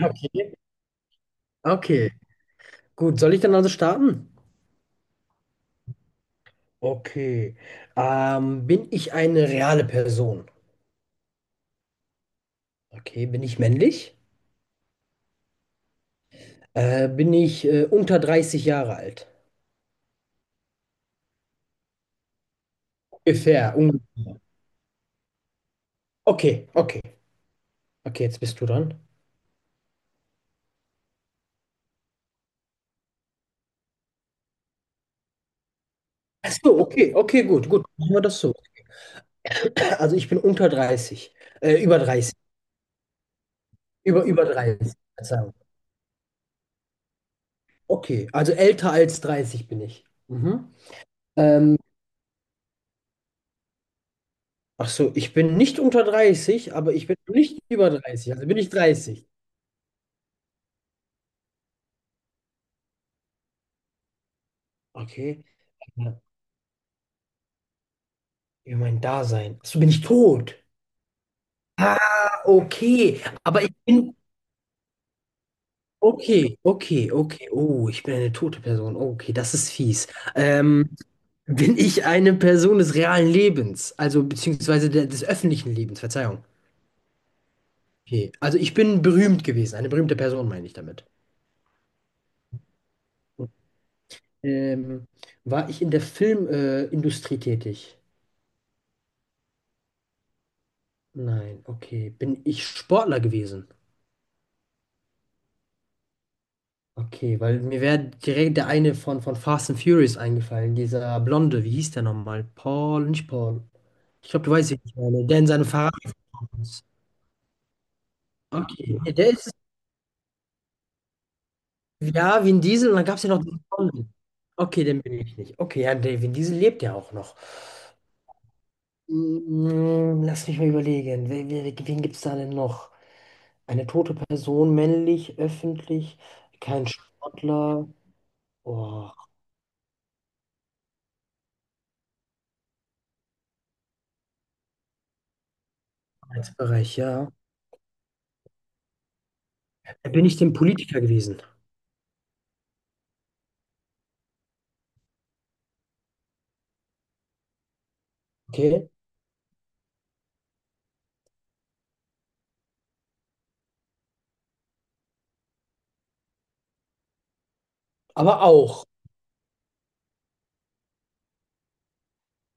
Okay, okay. Gut, soll ich dann also starten? Okay. Bin ich eine reale Person? Okay, bin ich männlich? Bin ich unter 30 Jahre alt? Ungefähr, ungefähr. Okay, okay. Okay, jetzt bist du dran. Ach so, okay, okay, gut, gut. Machen wir das so. Also ich bin unter 30. Über 30. Über 30. Verzeihung. Okay, also älter als 30 bin ich. Mhm. Ähm, ach so, ich bin nicht unter 30, aber ich bin nicht über 30. Also bin ich 30. Okay. Ja. Über mein Dasein. Achso, bin ich tot? Ah, okay. Aber ich bin. Okay, okay, okay. Oh, ich bin eine tote Person. Okay, das ist fies. Ähm, bin ich eine Person des realen Lebens? Also, beziehungsweise des öffentlichen Lebens, Verzeihung. Okay. Also, ich bin berühmt gewesen. Eine berühmte Person meine ich damit. Ähm, war ich in der Filmindustrie Industrie tätig? Nein, okay. Bin ich Sportler gewesen? Okay, weil mir wäre direkt der eine von Fast and Furious eingefallen, dieser Blonde, wie hieß der nochmal? Paul, nicht Paul. Ich glaube, du weißt, wie ich meine, der in seinem Fahrrad ist. Okay, ja, der ist, ja, Vin Diesel, und dann gab es ja noch diesen Blonden. Okay, den bin ich nicht. Okay, ja, der Vin Diesel lebt ja auch noch. Lass mich mal überlegen, wen gibt es da denn noch? Eine tote Person, männlich, öffentlich, kein Sportler. Oh, Arbeitsbereich, ja. Da bin ich dem Politiker gewesen. Okay. Aber auch.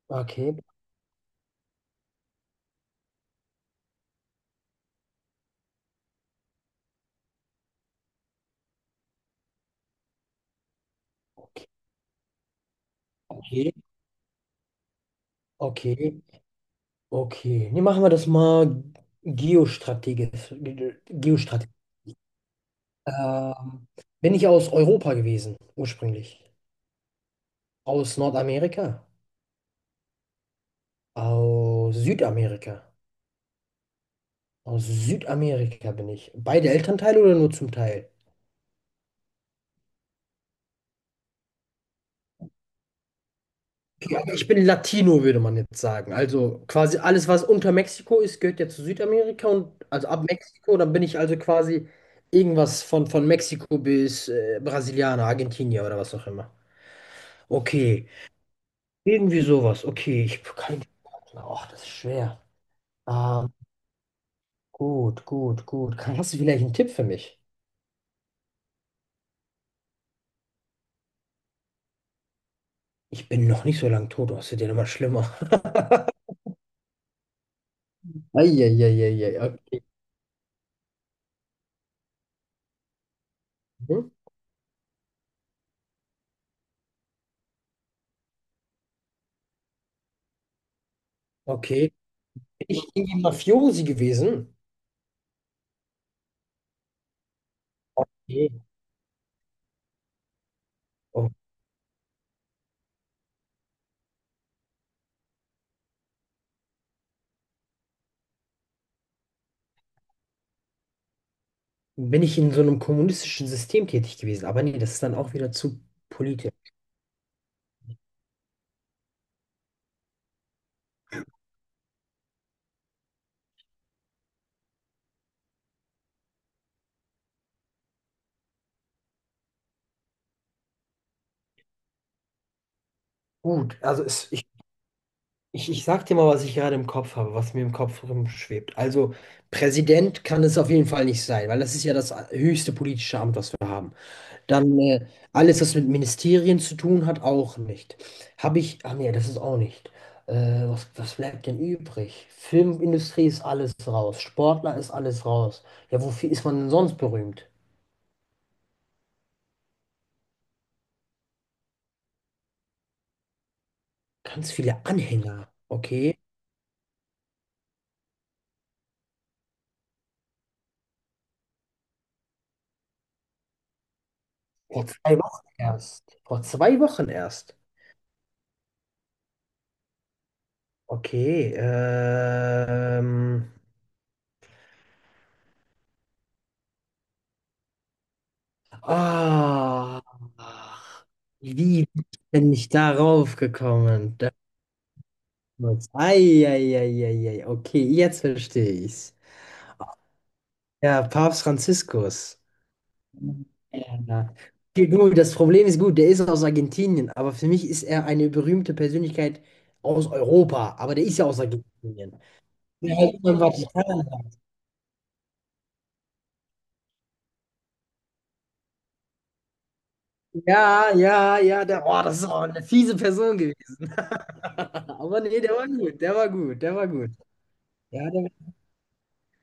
Okay, okay, okay, okay, okay. Nee, machen wir das mal geostrategisch. Geostrategisch. Ähm, bin ich aus Europa gewesen, ursprünglich? Aus Nordamerika? Aus Südamerika? Aus Südamerika bin ich. Beide Elternteile oder nur zum Teil? Ich bin Latino, würde man jetzt sagen. Also quasi alles, was unter Mexiko ist, gehört ja zu Südamerika und also ab Mexiko, dann bin ich also quasi irgendwas von Mexiko bis Brasilianer, Argentinier oder was auch immer. Okay, irgendwie sowas. Okay, ich kann. Ach, das ist schwer. Ähm, gut, gut, gut. Hast du vielleicht einen Tipp für mich? Ich bin noch nicht so lange tot, das wird ja immer schlimmer. Eieieiei. Okay. Okay. Bin ich irgendwie Mafiosi gewesen? Nee. Bin ich in so einem kommunistischen System tätig gewesen? Aber nee, das ist dann auch wieder zu politisch. Gut, also ich sag dir mal, was ich gerade im Kopf habe, was mir im Kopf rumschwebt. Also Präsident kann es auf jeden Fall nicht sein, weil das ist ja das höchste politische Amt, was wir haben. Dann alles, was mit Ministerien zu tun hat, auch nicht. Habe ich, ach nee, das ist auch nicht. Was bleibt denn übrig? Filmindustrie ist alles raus, Sportler ist alles raus. Ja, wofür ist man denn sonst berühmt? Ganz viele Anhänger, okay? Vor zwei Wochen erst. Vor 2 Wochen erst. Okay. Ah, wie bin ich darauf gekommen? Das muss. Eieieiei. Okay, jetzt verstehe ich's. Ja, Papst Franziskus. Ja. Okay, gut, das Problem ist gut, der ist aus Argentinien, aber für mich ist er eine berühmte Persönlichkeit aus Europa, aber der ist ja aus Argentinien. Ja, halt immer im Vatikan. Ja, ja, ja, der, oh, das ist auch eine fiese Person gewesen. Aber nee, der war gut, der war gut, der war gut. Ja, der,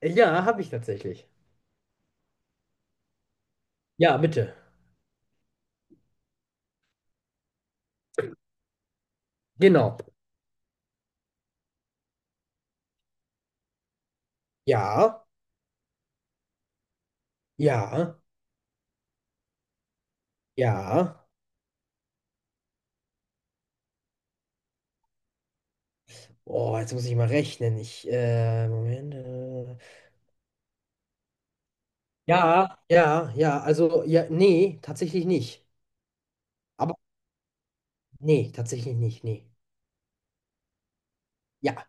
ja, habe ich tatsächlich. Ja, bitte. Genau. Ja, ja, ja. Oh, jetzt muss ich mal rechnen. Moment. Ja, ja, ja. Also, ja, nee, tatsächlich nicht. Aber nee, tatsächlich nicht, nee. Ja,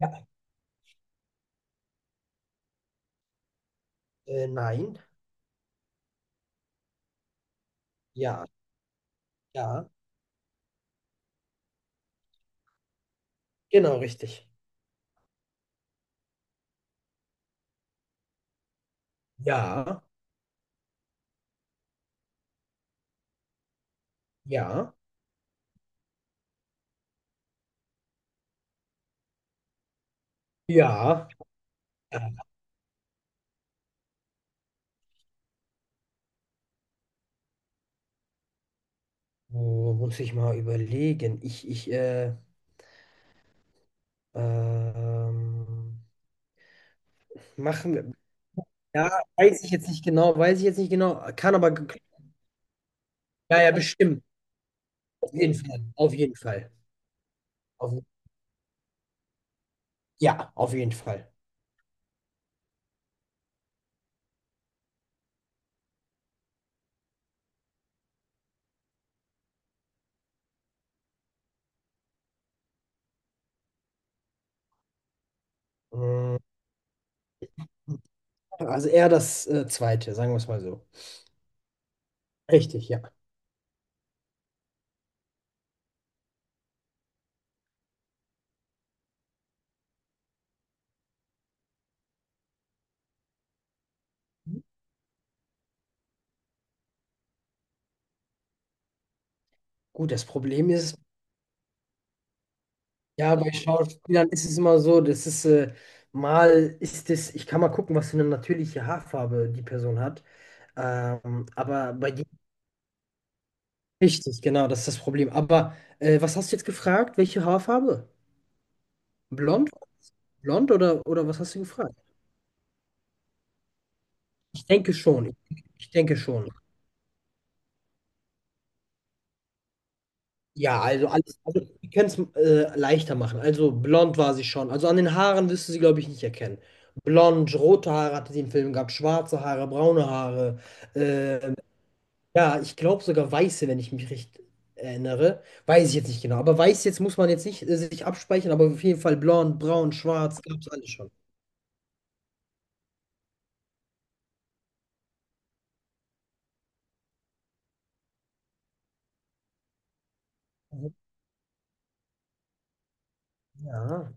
ja. Nein. Ja, ja. Genau, richtig. Ja, ja, ja, ja, wo muss ich mal überlegen? Ähm, machen wir. Ja, weiß ich jetzt nicht genau, weiß ich jetzt nicht genau, kann aber. Ja, ja, bestimmt. Auf jeden Fall. Auf jeden Fall. Auf, ja, auf jeden Fall. Mm, Also eher das zweite, sagen wir es mal so. Richtig, ja. Gut, das Problem ist, ja, bei Schauspielern ist es immer so, das ist mal ist es, ich kann mal gucken, was für eine natürliche Haarfarbe die Person hat. Aber bei Richtig, genau, das ist das Problem. Aber was hast du jetzt gefragt? Welche Haarfarbe? Blond? Blond oder was hast du gefragt? Ich denke schon. Ich denke schon. Ja, also alles, also wir können es leichter machen. Also blond war sie schon. Also an den Haaren wirst du sie, glaube ich, nicht erkennen. Blond, rote Haare hatte sie im Film gehabt, schwarze Haare, braune Haare. ähm, ja, ich glaube sogar weiße, wenn ich mich recht erinnere. Weiß ich jetzt nicht genau. Aber weiß jetzt muss man jetzt nicht sich abspeichern, aber auf jeden Fall blond, braun, schwarz, gab es alles schon. Ja.